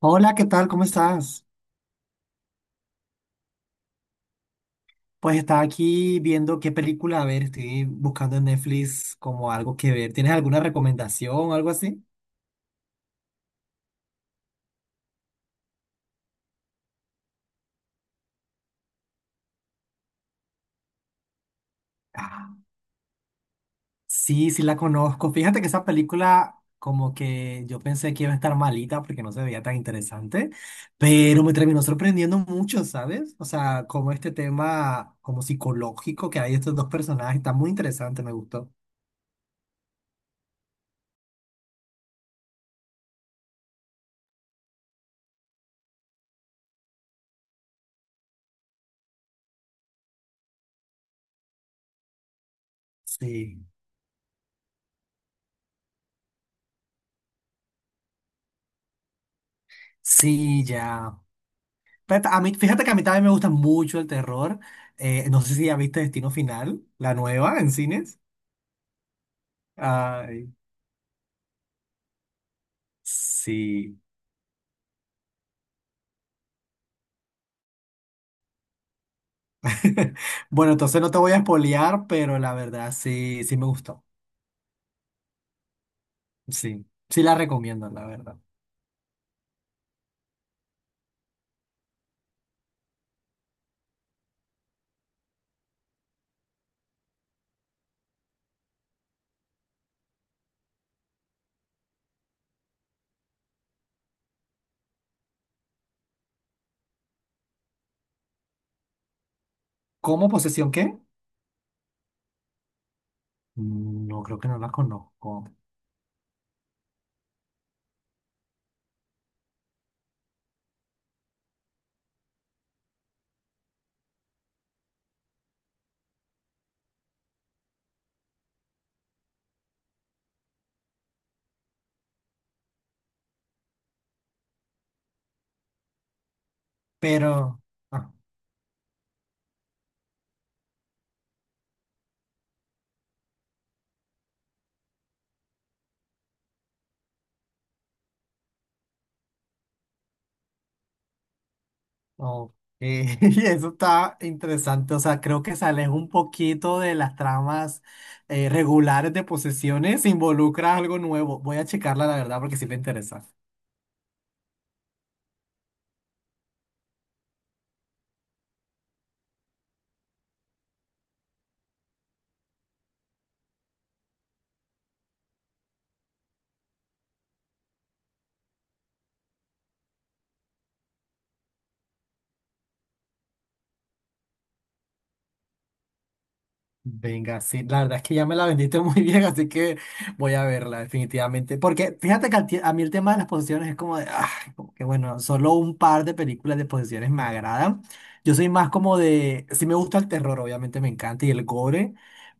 Hola, ¿qué tal? ¿Cómo estás? Pues estaba aquí viendo qué película, a ver, estoy buscando en Netflix como algo que ver. ¿Tienes alguna recomendación o algo así? Ah, sí, sí la conozco. Fíjate que esa película como que yo pensé que iba a estar malita porque no se veía tan interesante, pero me terminó sorprendiendo mucho, ¿sabes? O sea, como este tema como psicológico que hay estos dos personajes, está muy interesante, me gustó. Sí, sí, ya. Pero a mí, fíjate que a mí también me gusta mucho el terror. No sé si ya viste Destino Final, la nueva en cines. Ay, sí. Bueno, entonces no te voy a espolear, pero la verdad sí, sí me gustó. Sí, sí la recomiendo, la verdad. ¿Cómo posesión qué? Mm, no, creo que no la conozco. Pero, ah. Ok, y eso está interesante. O sea, creo que se aleja un poquito de las tramas regulares de posesiones, involucra algo nuevo. Voy a checarla, la verdad, porque sí me interesa. Venga, sí, la verdad es que ya me la vendiste muy bien, así que voy a verla definitivamente. Porque fíjate que a mí el tema de las posesiones es como de, ah, como que bueno, solo un par de películas de posesiones me agradan. Yo soy más como de, sí me gusta el terror, obviamente me encanta, y el gore.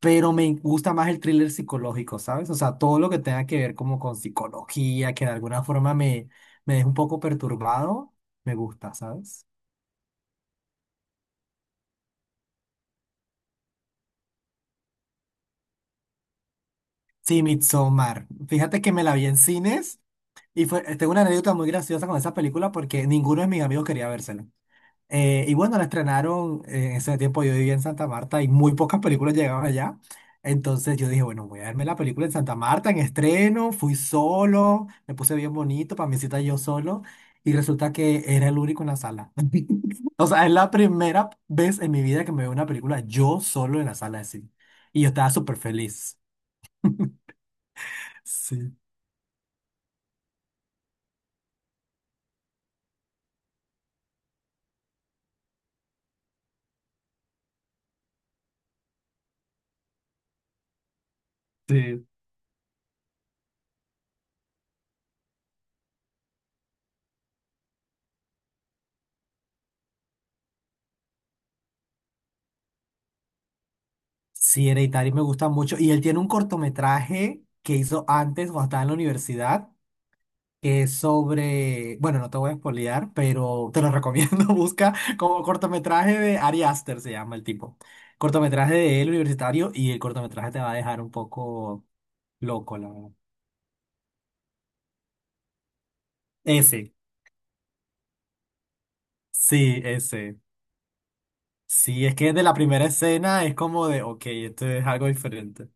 Pero me gusta más el thriller psicológico, ¿sabes? O sea, todo lo que tenga que ver como con psicología, que de alguna forma me, me deja un poco perturbado, me gusta, ¿sabes? Sí, Midsommar. Fíjate que me la vi en cines y fue, tengo una anécdota muy graciosa con esa película porque ninguno de mis amigos quería vérsela. Y bueno, la estrenaron, en ese tiempo yo vivía en Santa Marta y muy pocas películas llegaban allá. Entonces yo dije, bueno, voy a verme la película en Santa Marta en estreno, fui solo, me puse bien bonito para mi cita yo solo y resulta que era el único en la sala. O sea, es la primera vez en mi vida que me veo una película yo solo en la sala de cine. Y yo estaba súper feliz. Sí, sí. Sí, Hereditary me gusta mucho. Y él tiene un cortometraje que hizo antes cuando estaba en la universidad que es sobre, bueno, no te voy a spoilear, pero te lo recomiendo, busca como cortometraje de Ari Aster, se llama el tipo. Cortometraje de él universitario y el cortometraje te va a dejar un poco loco, la verdad. Ese, sí, ese. Sí, es que de la primera escena es como de, ok, esto es algo diferente.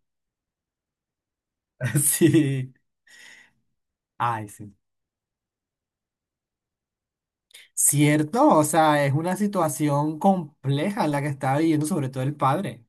Sí, ay, sí. Cierto, o sea, es una situación compleja la que está viviendo sobre todo el padre.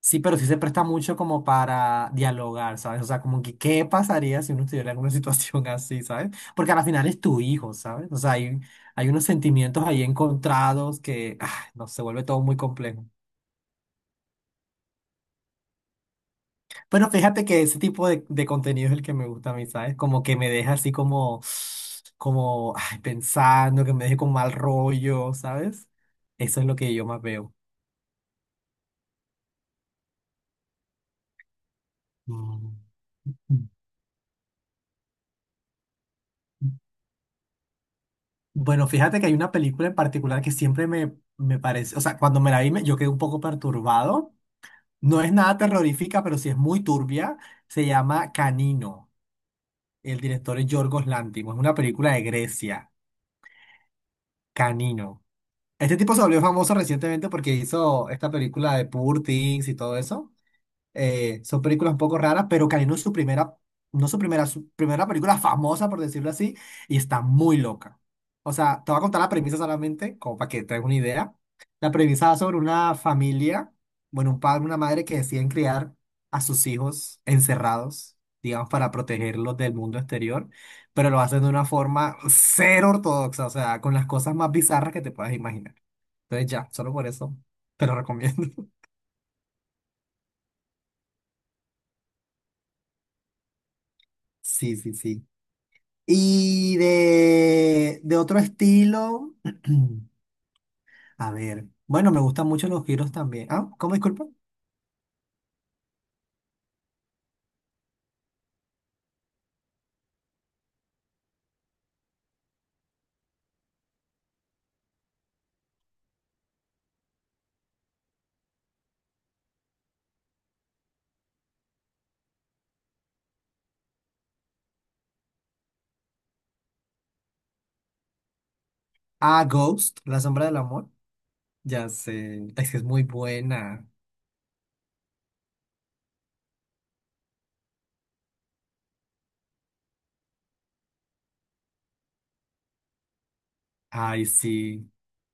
Sí, pero sí se presta mucho como para dialogar, ¿sabes? O sea, como que qué pasaría si uno estuviera en una situación así, ¿sabes? Porque al final es tu hijo, ¿sabes? O sea, hay unos sentimientos ahí encontrados que, ah, no, se vuelve todo muy complejo. Pero fíjate que ese tipo de contenido es el que me gusta a mí, ¿sabes? Como que me deja así como, como, ay, pensando, que me deje con mal rollo, ¿sabes? Eso es lo que yo más veo. Mm. Bueno, fíjate que hay una película en particular que siempre me parece, o sea, cuando me la vi me- yo quedé un poco perturbado. No es nada terrorífica, pero sí es muy turbia. Se llama Canino. El director es Yorgos Lanthimos. Es una película de Grecia, Canino. Este tipo se volvió famoso recientemente porque hizo esta película de Poor Things y todo eso. Son películas un poco raras, pero Canino es su primera, no su primera, su primera película famosa, por decirlo así, y está muy loca. O sea, te voy a contar la premisa solamente, como para que te hagas una idea. La premisa va sobre una familia, bueno, un padre, una madre que deciden criar a sus hijos encerrados, digamos, para protegerlos del mundo exterior, pero lo hacen de una forma cero ortodoxa, o sea, con las cosas más bizarras que te puedas imaginar. Entonces ya, solo por eso te lo recomiendo. Sí, sí, sí. Y de otro estilo, a ver, bueno, me gustan mucho los giros también. Ah, ¿cómo disculpa? Ah, Ghost, La Sombra del Amor. Ya sé, es que es muy buena. Ay, sí.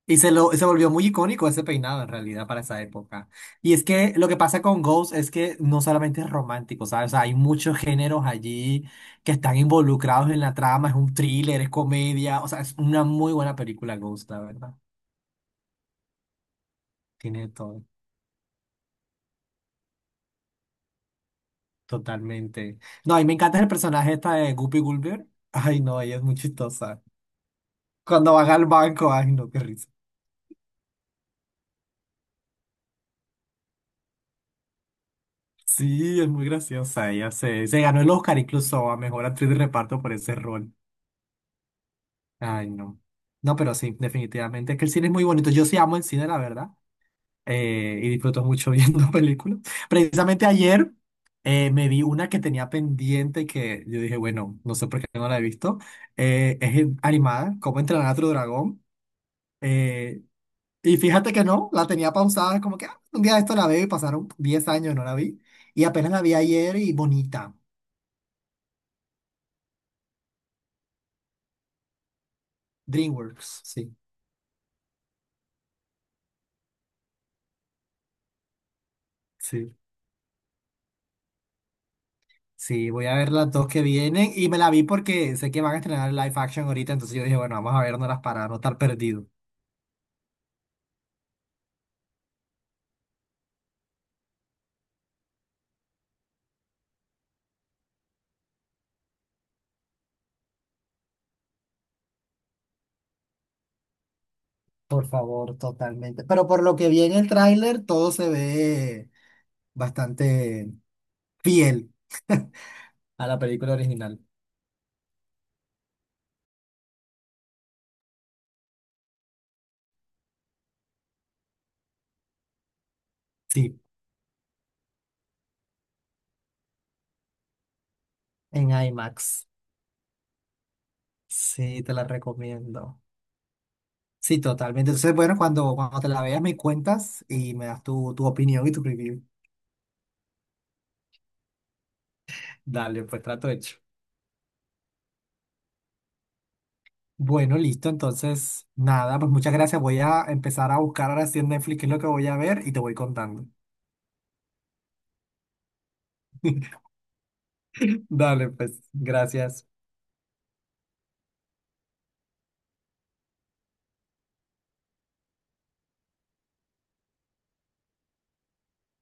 Y se, lo, se volvió muy icónico ese peinado en realidad para esa época. Y es que lo que pasa con Ghost es que no solamente es romántico, ¿sabes? O sea, hay muchos géneros allí que están involucrados en la trama, es un thriller, es comedia, o sea, es una muy buena película Ghost, la verdad. Tiene todo. Totalmente. No, y me encanta el personaje esta de Guppy Gulliver. Ay, no, ella es muy chistosa. Cuando van al banco, ay, no, qué risa. Sí, es muy graciosa. Se ganó el Oscar incluso a mejor actriz de reparto por ese rol. Ay, no. No, pero sí, definitivamente. Es que el cine es muy bonito. Yo sí amo el cine, la verdad. Y disfruto mucho viendo películas. Precisamente ayer me vi una que tenía pendiente y que yo dije, bueno, no sé por qué no la he visto. Es animada, ¿cómo entrenar a tu dragón? Eh, Y fíjate que no, la tenía pausada, como que ah, un día de esto la veo y pasaron 10 años, no la vi. Y apenas la vi ayer y bonita. DreamWorks, sí, sí, sí, voy a ver las dos que vienen y me la vi porque sé que van a estrenar live action ahorita, entonces yo dije, bueno, vamos a vernoslas para no estar perdido. Por favor, totalmente. Pero por lo que vi en el tráiler, todo se ve bastante fiel a la película original. Sí, en IMAX. Sí, te la recomiendo. Sí, totalmente. Entonces, bueno, cuando te la veas me cuentas y me das tu opinión y tu review. Dale, pues trato hecho. Bueno, listo. Entonces, nada, pues muchas gracias. Voy a empezar a buscar ahora sí en Netflix qué es lo que voy a ver y te voy contando. Dale, pues, gracias.